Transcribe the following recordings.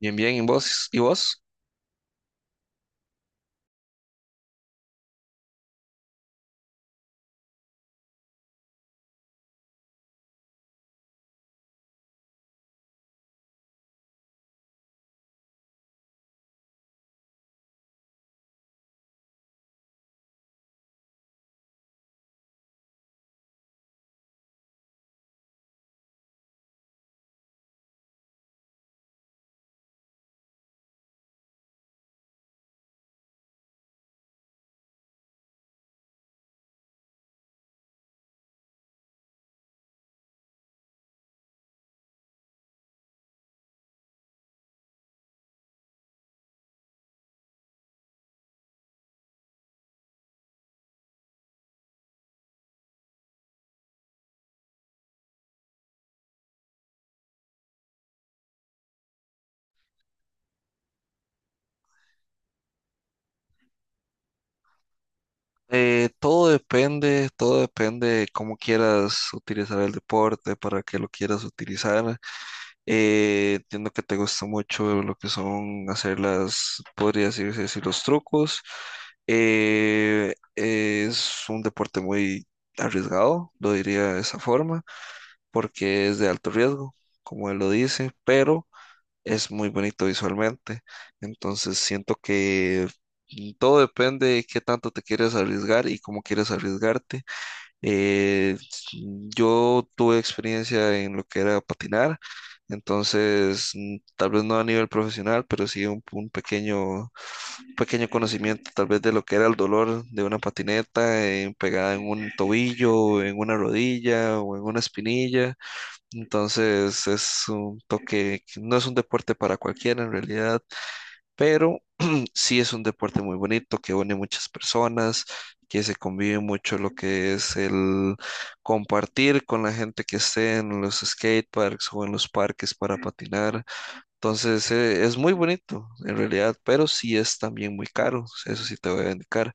Bien, bien, ¿y vos? Todo depende de cómo quieras utilizar el deporte, para qué lo quieras utilizar. Entiendo que te gusta mucho lo que son hacer las, podría decirse así, los trucos. Es un deporte muy arriesgado, lo diría de esa forma, porque es de alto riesgo, como él lo dice, pero es muy bonito visualmente. Entonces siento que todo depende de qué tanto te quieres arriesgar y cómo quieres arriesgarte. Eh, s- yo tuve experiencia en lo que era patinar, entonces tal vez no a nivel profesional, pero sí un pequeño conocimiento tal vez de lo que era el dolor de una patineta pegada en un tobillo, en una rodilla o en una espinilla. Entonces es un toque, que no es un deporte para cualquiera en realidad, pero sí es un deporte muy bonito que une muchas personas, que se convive mucho lo que es el compartir con la gente que esté en los skate parks o en los parques para patinar. Entonces es muy bonito en realidad, pero sí es también muy caro, eso sí te voy a indicar.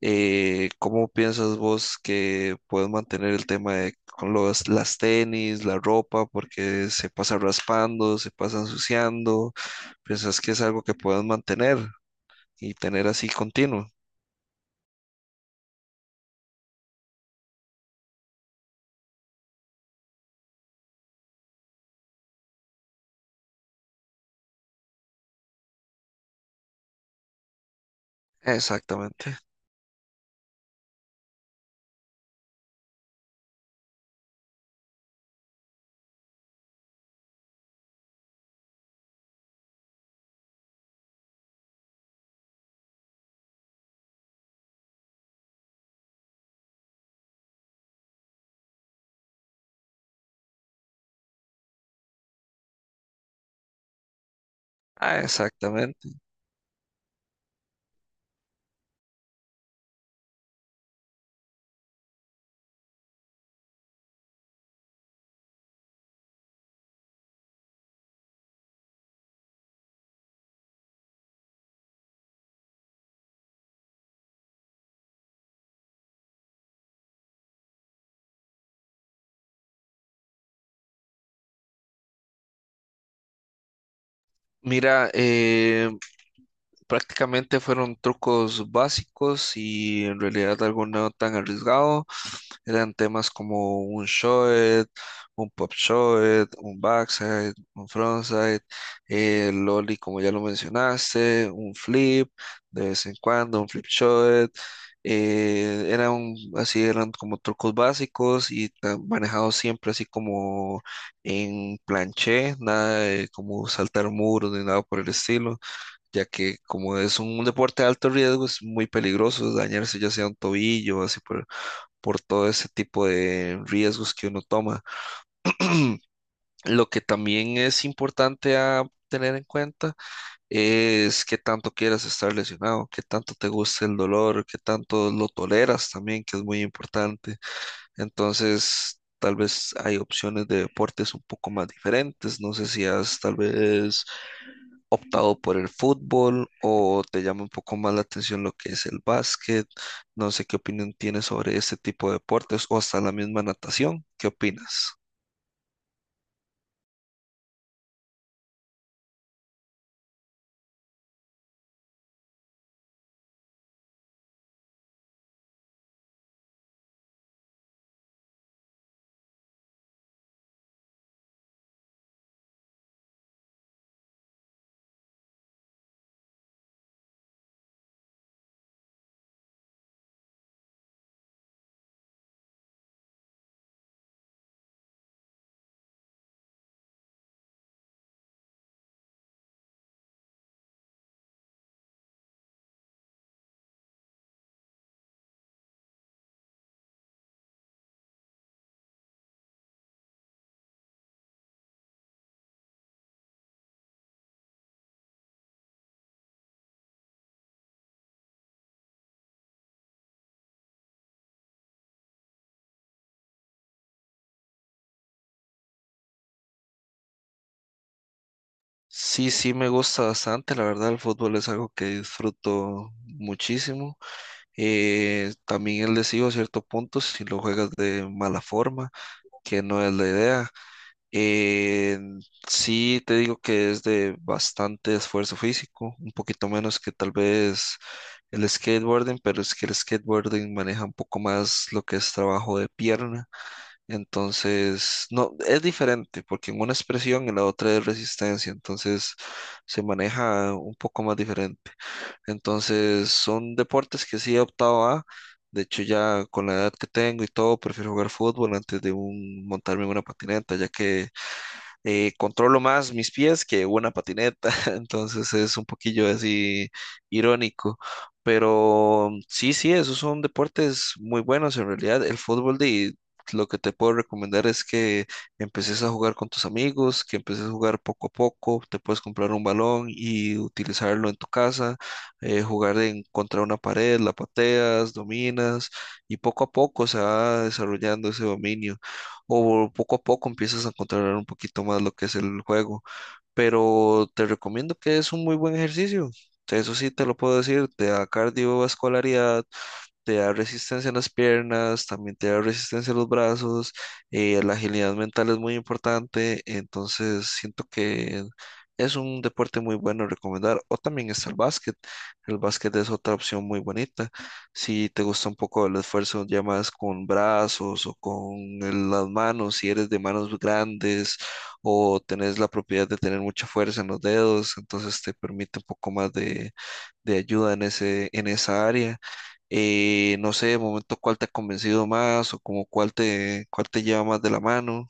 ¿Cómo piensas vos que puedes mantener el tema de con los, las tenis, la ropa, porque se pasa raspando, se pasa ensuciando? ¿Piensas que es algo que puedes mantener y tener así continuo? Exactamente. Ah, exactamente. Mira, prácticamente fueron trucos básicos y en realidad algo no tan arriesgado. Eran temas como un short, un pop short, un backside, un frontside, el lolly como ya lo mencionaste, un flip de vez en cuando, un flip short. Eran así, eran como trucos básicos y manejados siempre así como en planché, nada de como saltar muros ni nada por el estilo ya que como es un deporte de alto riesgo, es muy peligroso dañarse ya sea un tobillo o así por todo ese tipo de riesgos que uno toma. Lo que también es importante a tener en cuenta es qué tanto quieras estar lesionado, qué tanto te gusta el dolor, qué tanto lo toleras también, que es muy importante. Entonces, tal vez hay opciones de deportes un poco más diferentes. No sé si has tal vez optado por el fútbol o te llama un poco más la atención lo que es el básquet. No sé qué opinión tienes sobre este tipo de deportes o hasta la misma natación. ¿Qué opinas? Sí, sí, me gusta bastante. La verdad, el fútbol es algo que disfruto muchísimo. También es lesivo a cierto punto si lo juegas de mala forma, que no es la idea. Eh, sí, te digo que es de bastante esfuerzo físico, un poquito menos que tal vez el skateboarding, pero es que el skateboarding maneja un poco más lo que es trabajo de pierna. Entonces, no, es diferente, porque en una es presión y la otra es resistencia, entonces se maneja un poco más diferente. Entonces, son deportes que sí he optado a. De hecho, ya con la edad que tengo y todo, prefiero jugar fútbol antes de montarme en una patineta, ya que controlo más mis pies que una patineta, entonces es un poquillo así irónico. Pero sí, sí, esos son deportes muy buenos en realidad. El fútbol de lo que te puedo recomendar es que empeces a jugar con tus amigos, que empeces a jugar poco a poco, te puedes comprar un balón y utilizarlo en tu casa, jugar en contra una pared, la pateas, dominas y poco a poco se va desarrollando ese dominio o poco a poco empiezas a controlar un poquito más lo que es el juego. Pero te recomiendo que es un muy buen ejercicio. Eso sí te lo puedo decir, te da cardiovascularidad, te da resistencia en las piernas, también te da resistencia en los brazos, la agilidad mental es muy importante, entonces siento que es un deporte muy bueno recomendar, o también está el básquet es otra opción muy bonita, si te gusta un poco el esfuerzo ya más con brazos o con las manos, si eres de manos grandes o tenés la propiedad de tener mucha fuerza en los dedos, entonces te permite un poco más de ayuda en en esa área. No sé, de momento cuál te ha convencido más o como cuál te lleva más de la mano.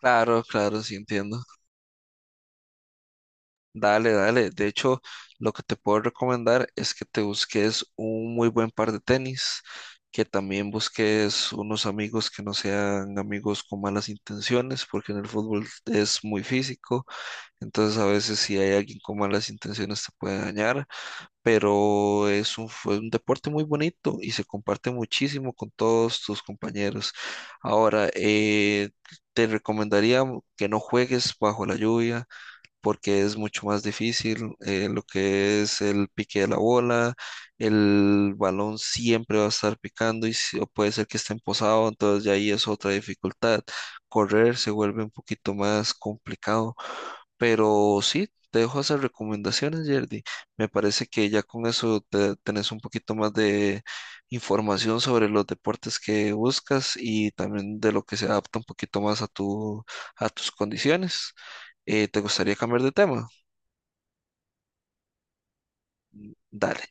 Claro, claro, sí entiendo. Dale, dale. De hecho, lo que te puedo recomendar es que te busques un muy buen par de tenis, que también busques unos amigos que no sean amigos con malas intenciones, porque en el fútbol es muy físico, entonces a veces si hay alguien con malas intenciones te puede dañar. Pero es un, fue un deporte muy bonito y se comparte muchísimo con todos tus compañeros. Ahora, te recomendaría que no juegues bajo la lluvia, porque es mucho más difícil lo que es el pique de la bola, el balón siempre va a estar picando y o puede ser que esté empozado, entonces ya ahí es otra dificultad. Correr se vuelve un poquito más complicado, pero sí, te dejo esas recomendaciones, Yerdy. Me parece que ya con eso tenés un poquito más de información sobre los deportes que buscas y también de lo que se adapta un poquito más a tu, a tus condiciones. ¿Te gustaría cambiar de tema? Dale.